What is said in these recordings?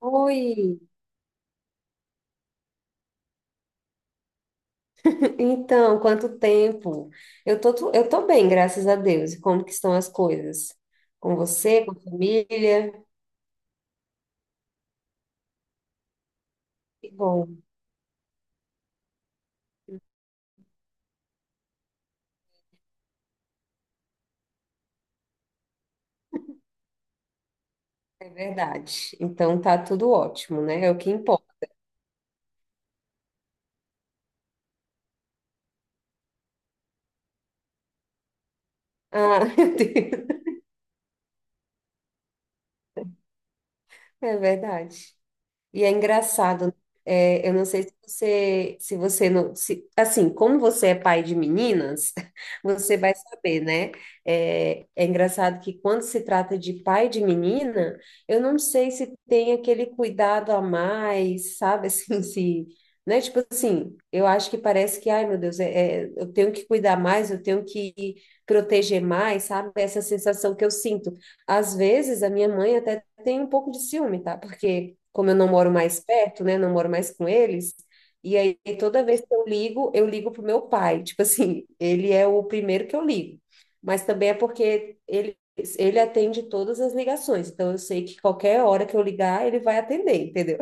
Oi, então, quanto tempo? Eu tô bem, graças a Deus. E como que estão as coisas? Com você, com a família? Que bom, é verdade. Então tá tudo ótimo, né? É o que importa. Ah, meu Deus. É verdade. E é engraçado, né? É, eu não sei se você não, se, assim, como você é pai de meninas, você vai saber, né? É engraçado que quando se trata de pai de menina, eu não sei se tem aquele cuidado a mais, sabe? Assim, se, né? Tipo assim, eu acho que parece que, ai meu Deus, eu tenho que cuidar mais, eu tenho que proteger mais, sabe? Essa sensação que eu sinto. Às vezes, a minha mãe até tenho um pouco de ciúme, tá? Porque como eu não moro mais perto, né? Não moro mais com eles. E aí toda vez que eu ligo pro meu pai. Tipo assim, ele é o primeiro que eu ligo. Mas também é porque ele atende todas as ligações. Então eu sei que qualquer hora que eu ligar, ele vai atender, entendeu?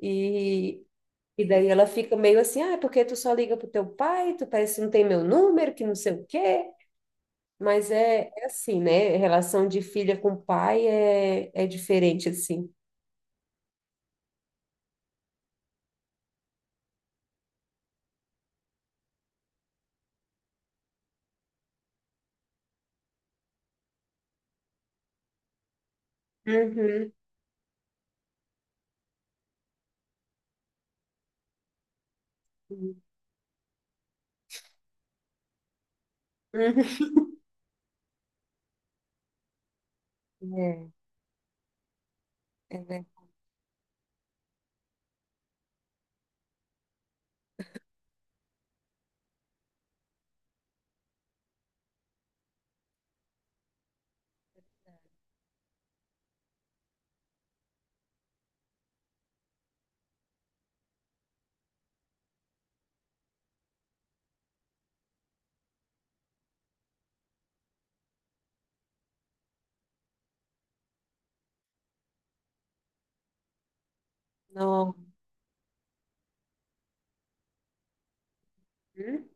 E E daí ela fica meio assim, ah, é porque tu só liga pro teu pai, tu parece que não tem meu número, que não sei o quê. Mas é assim, né? Relação de filha com pai é diferente, assim. Uhum. Uhum. Uhum. É, é, né? Não. Uhum.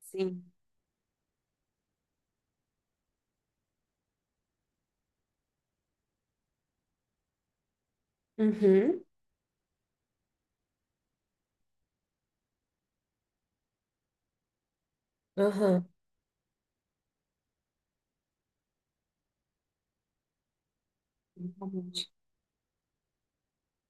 Sim. Uhum. Aham. Uhum.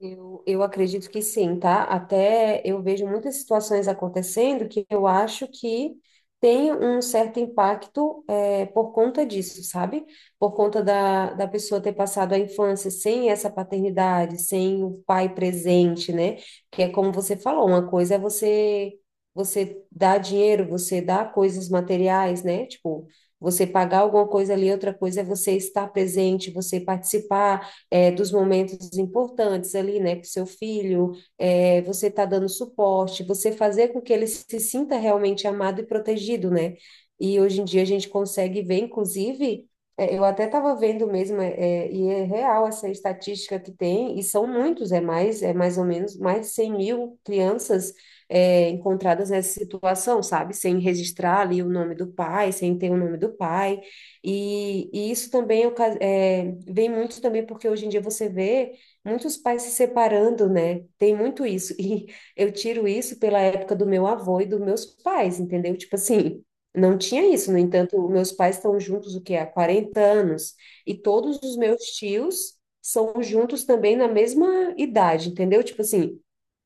Eu acredito que sim, tá? Até eu vejo muitas situações acontecendo que eu acho que tem um certo impacto, por conta disso, sabe? Por conta da pessoa ter passado a infância sem essa paternidade, sem o pai presente, né? Que é como você falou, uma coisa é você dar dinheiro, você dar coisas materiais, né? Tipo, você pagar alguma coisa ali, outra coisa é você estar presente, você participar, dos momentos importantes ali, né, com seu filho, você está dando suporte, você fazer com que ele se sinta realmente amado e protegido, né? E hoje em dia a gente consegue ver, inclusive, eu até estava vendo mesmo, e é real essa estatística que tem, e são muitos, é mais ou menos mais de 100 mil crianças, encontradas nessa situação, sabe? Sem registrar ali o nome do pai, sem ter o nome do pai. E isso também vem muito também porque hoje em dia você vê muitos pais se separando, né? Tem muito isso. E eu tiro isso pela época do meu avô e dos meus pais, entendeu? Tipo assim, não tinha isso. No entanto, meus pais estão juntos, o que há 40 anos. E todos os meus tios são juntos também na mesma idade, entendeu? Tipo assim,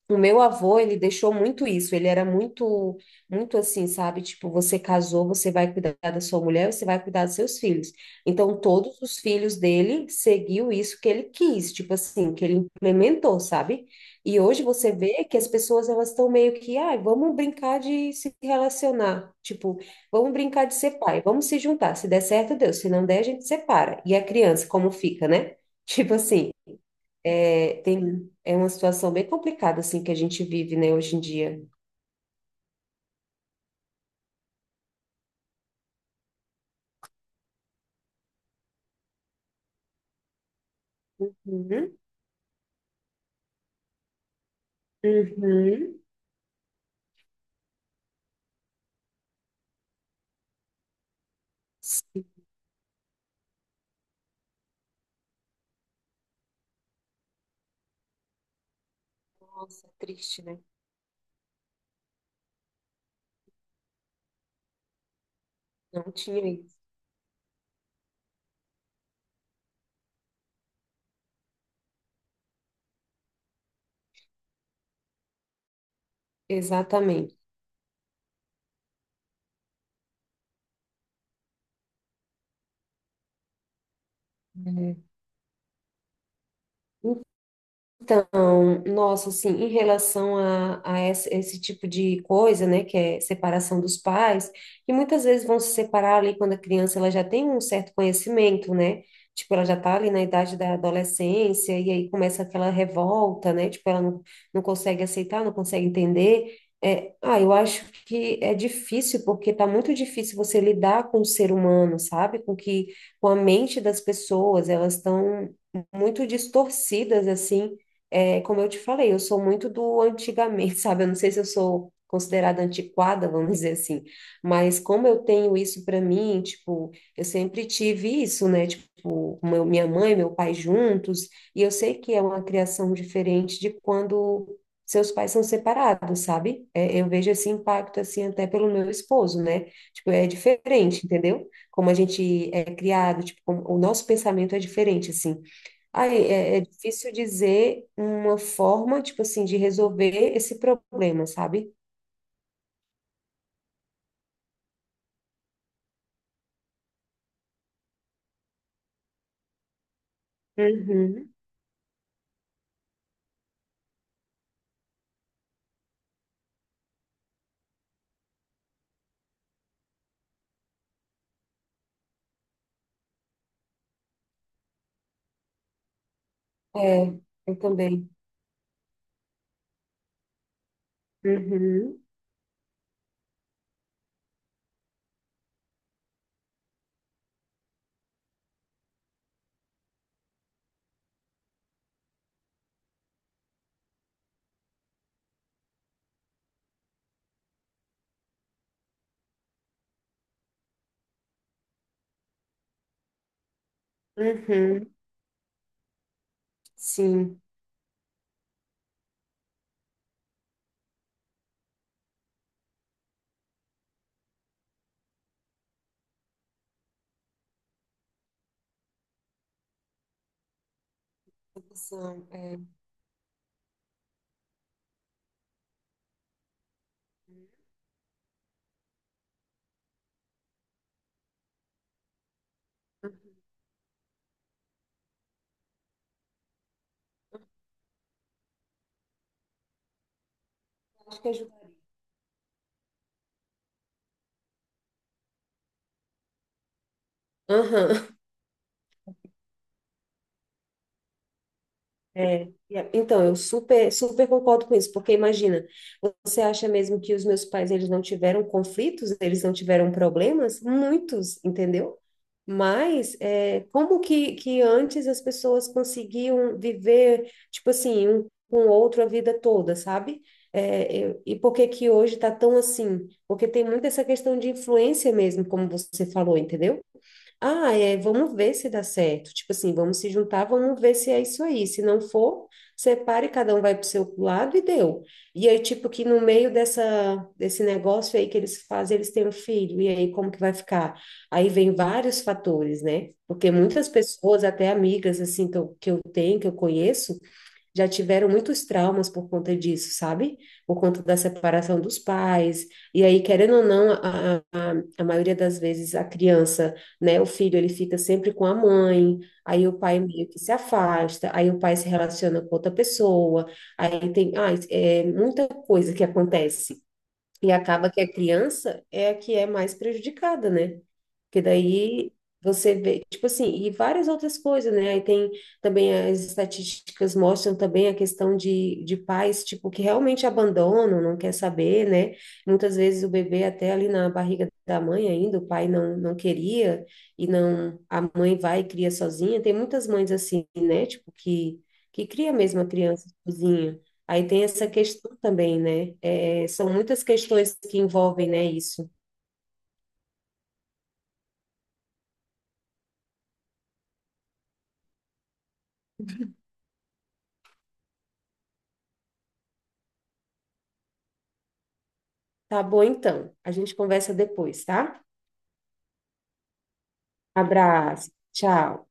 o meu avô, ele deixou muito isso, ele era muito, muito assim, sabe? Tipo, você casou, você vai cuidar da sua mulher, você vai cuidar dos seus filhos. Então, todos os filhos dele seguiu isso que ele quis, tipo assim, que ele implementou, sabe? E hoje você vê que as pessoas, elas estão meio que, ai, vamos brincar de se relacionar, tipo, vamos brincar de ser pai, vamos se juntar, se der certo, Deus, se não der, a gente separa. E a criança, como fica, né? Tipo assim... É, tem, é uma situação bem complicada, assim, que a gente vive, né, hoje em dia. Uhum. Uhum. Sim. Nossa, triste, né? Não tinha isso. Exatamente. É. Então, nossa, assim, em relação a esse, tipo de coisa, né, que é separação dos pais, que muitas vezes vão se separar ali quando a criança ela já tem um certo conhecimento, né? Tipo, ela já tá ali na idade da adolescência e aí começa aquela revolta, né? Tipo, ela não consegue aceitar, não consegue entender. É, ah, eu acho que é difícil, porque tá muito difícil você lidar com o ser humano, sabe? Com a mente das pessoas, elas estão muito distorcidas, assim, como eu te falei, eu sou muito do antigamente, sabe? Eu não sei se eu sou considerada antiquada, vamos dizer assim, mas como eu tenho isso para mim, tipo, eu sempre tive isso, né? Tipo, minha mãe, meu pai juntos, e eu sei que é uma criação diferente de quando seus pais são separados, sabe? É, eu vejo esse impacto assim até pelo meu esposo, né? Tipo, é diferente, entendeu? Como a gente é criado, tipo, como o nosso pensamento é diferente, assim. Ai, é difícil dizer uma forma, tipo assim, de resolver esse problema, sabe? Uhum. É, eu também. Uhum. Uhum. Sim. São, acho que ajudaria. É, então, eu super, super concordo com isso, porque imagina, você acha mesmo que os meus pais, eles não tiveram conflitos, eles não tiveram problemas? Muitos, entendeu? Mas é, como que antes as pessoas conseguiam viver, tipo assim, um com o outro a vida toda, sabe? É, e por que que hoje tá tão assim? Porque tem muito essa questão de influência mesmo, como você falou, entendeu? Ah, vamos ver se dá certo. Tipo assim, vamos se juntar, vamos ver se é isso aí. Se não for, separe, cada um vai para o seu lado e deu. E aí, tipo, que no meio dessa, desse negócio aí que eles fazem, eles têm um filho. E aí, como que vai ficar? Aí vem vários fatores, né? Porque muitas pessoas, até amigas, assim, que eu tenho, que eu conheço, já tiveram muitos traumas por conta disso, sabe? Por conta da separação dos pais. E aí, querendo ou não, a maioria das vezes a criança, né, o filho, ele fica sempre com a mãe, aí o pai meio que se afasta, aí o pai se relaciona com outra pessoa, aí tem, ah, é muita coisa que acontece. E acaba que a criança é a que é mais prejudicada, né? Que daí você vê, tipo assim, e várias outras coisas, né? Aí tem também as estatísticas mostram também a questão de pais, tipo, que realmente abandonam, não quer saber, né? Muitas vezes o bebê até ali na barriga da mãe ainda, o pai não queria, e não, a mãe vai e cria sozinha. Tem muitas mães assim, né? Tipo, que cria mesmo a criança sozinha. Aí tem essa questão também, né? É, são muitas questões que envolvem, né, isso. Tá bom, então. A gente conversa depois, tá? Abraço. Tchau.